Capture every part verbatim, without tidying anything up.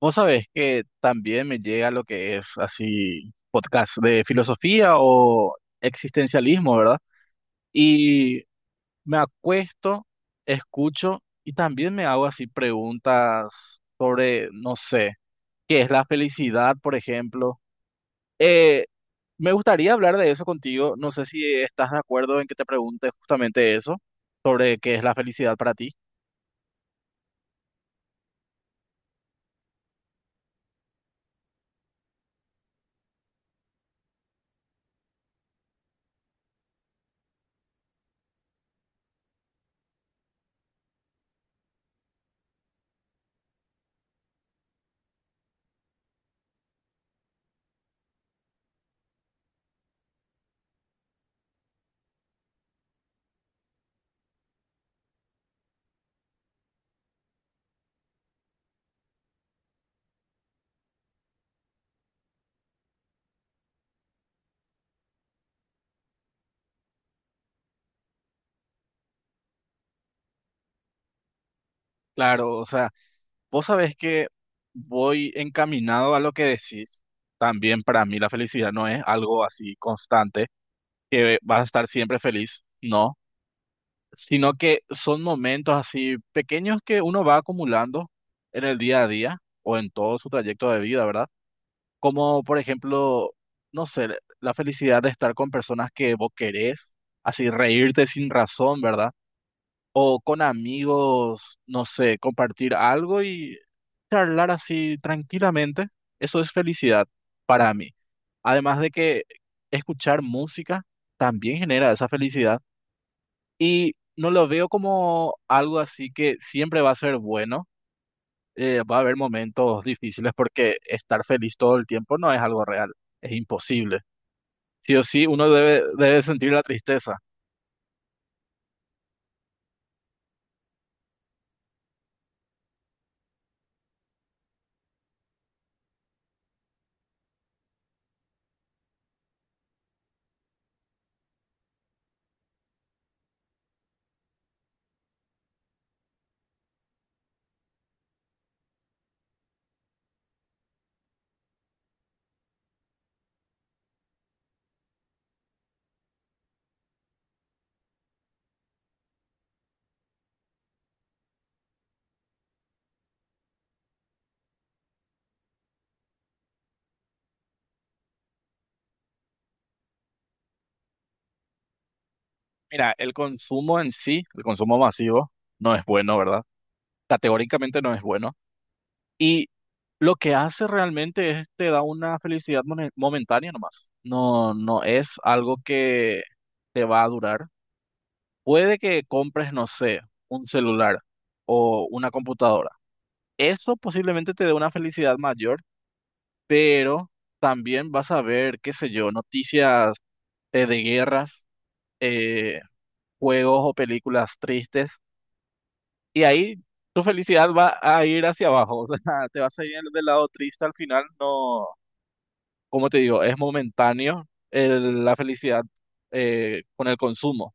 Vos sabés que también me llega lo que es así podcast de filosofía o existencialismo, ¿verdad? Y me acuesto, escucho y también me hago así preguntas sobre, no sé, qué es la felicidad, por ejemplo. Eh, Me gustaría hablar de eso contigo. No sé si estás de acuerdo en que te pregunte justamente eso, sobre qué es la felicidad para ti. Claro, o sea. Vos sabés que voy encaminado a lo que decís. También para mí la felicidad no es algo así constante, que vas a estar siempre feliz, no, sino que son momentos así pequeños que uno va acumulando en el día a día o en todo su trayecto de vida, ¿verdad? Como por ejemplo, no sé, la felicidad de estar con personas que vos querés, así reírte sin razón, ¿verdad? O con amigos, no sé, compartir algo y charlar así tranquilamente, eso es felicidad para mí. Además de que escuchar música también genera esa felicidad y no lo veo como algo así que siempre va a ser bueno. Eh, va a haber momentos difíciles porque estar feliz todo el tiempo no es algo real, es imposible. Sí o sí, uno debe, debe sentir la tristeza. Mira, el consumo en sí, el consumo masivo, no es bueno, ¿verdad? Categóricamente no es bueno. Y lo que hace realmente es te da una felicidad mone- momentánea nomás. No, no es algo que te va a durar. Puede que compres, no sé, un celular o una computadora. Eso posiblemente te dé una felicidad mayor, pero también vas a ver, qué sé yo, noticias, eh, de guerras, eh, juegos o películas tristes. Y ahí tu felicidad va a ir hacia abajo, o sea, te vas a ir del lado triste al final, no, como te digo, es momentáneo el- la felicidad, eh, con el consumo.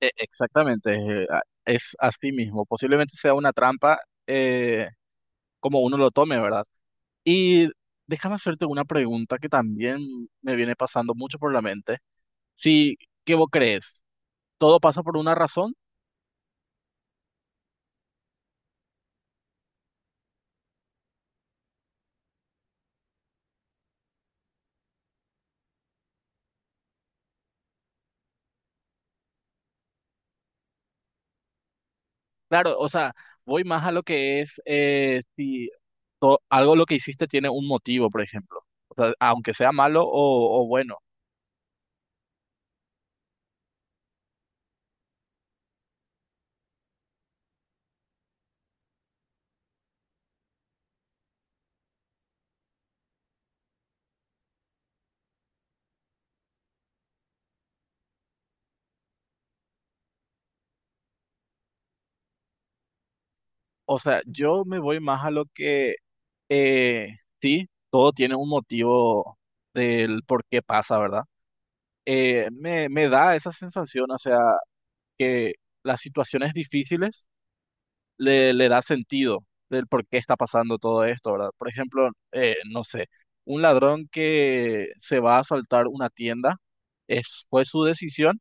E- exactamente, eh, a- es así mismo, posiblemente sea una trampa eh, como uno lo tome, ¿verdad? Y déjame hacerte una pregunta que también me viene pasando mucho por la mente. Si, ¿qué vos crees? ¿Todo pasa por una razón? Claro, o sea, voy más a lo que es eh, si to- algo lo que hiciste tiene un motivo, por ejemplo. O sea, aunque sea malo o, o bueno. O sea, yo me voy más a lo que eh, sí, todo tiene un motivo del por qué pasa, ¿verdad? Eh, me, me da esa sensación, o sea, que las situaciones difíciles le, le da sentido del por qué está pasando todo esto, ¿verdad? Por ejemplo, eh, no sé, un ladrón que se va a asaltar una tienda, es, fue su decisión.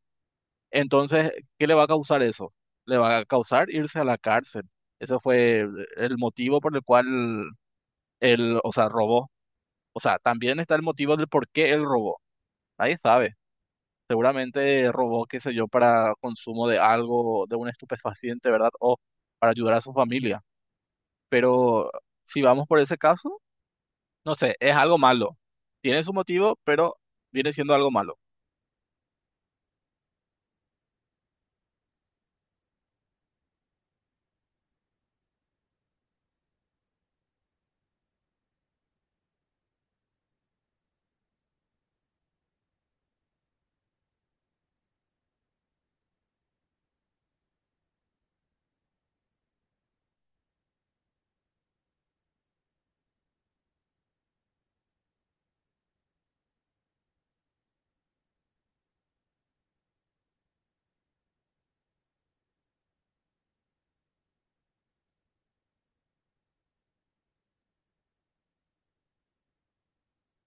Entonces, ¿qué le va a causar eso? Le va a causar irse a la cárcel. Ese fue el motivo por el cual él, o sea, robó. O sea, también está el motivo del por qué él robó. Nadie sabe. Seguramente robó, qué sé yo, para consumo de algo, de un estupefaciente, ¿verdad? O para ayudar a su familia. Pero si vamos por ese caso, no sé, es algo malo. Tiene su motivo, pero viene siendo algo malo.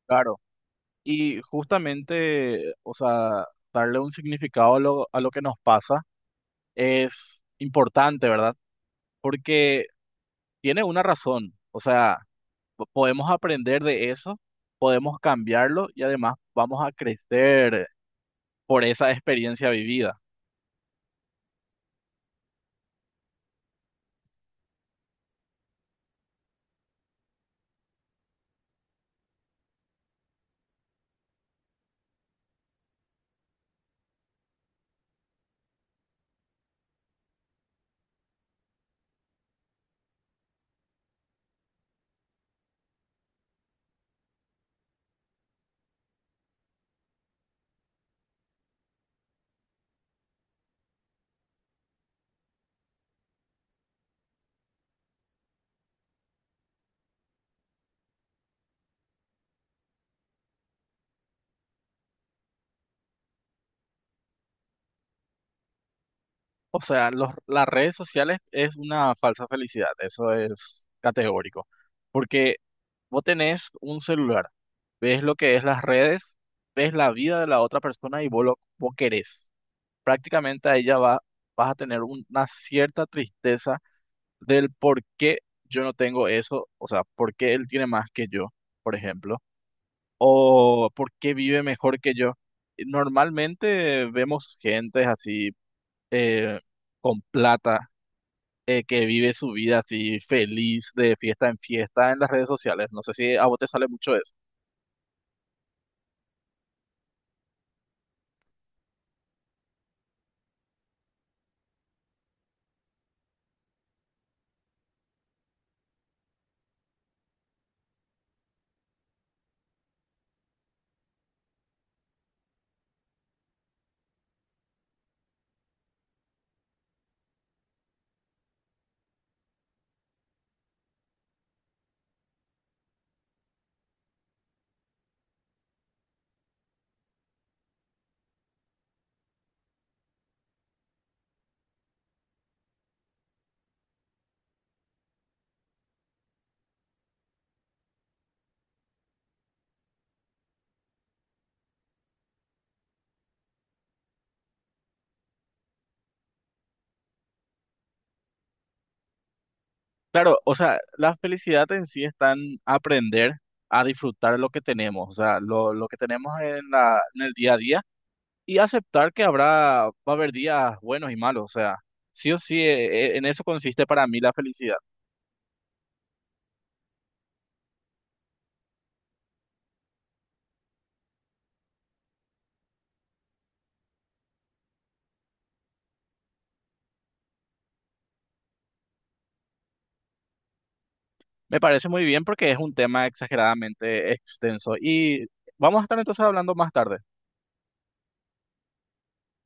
Claro. Y justamente, o sea, darle un significado a lo, a lo que nos pasa es importante, ¿verdad? Porque tiene una razón, o sea, po- podemos aprender de eso, podemos cambiarlo y además vamos a crecer por esa experiencia vivida. O sea, los, las redes sociales es una falsa felicidad, eso es categórico, porque vos tenés un celular, ves lo que es las redes, ves la vida de la otra persona y vos lo vos querés. Prácticamente a ella va, vas a tener una cierta tristeza del por qué yo no tengo eso, o sea, por qué él tiene más que yo, por ejemplo, o por qué vive mejor que yo. Normalmente vemos gente así eh, con plata, eh, que vive su vida así feliz de fiesta en fiesta en las redes sociales. No sé si a vos te sale mucho eso. Claro, o sea, la felicidad en sí está en aprender a disfrutar lo que tenemos, o sea, lo, lo que tenemos en la, en el día a día y aceptar que habrá, va a haber días buenos y malos, o sea, sí o sí, eh, eh, en eso consiste para mí la felicidad. Me parece muy bien porque es un tema exageradamente extenso y vamos a estar entonces hablando más tarde.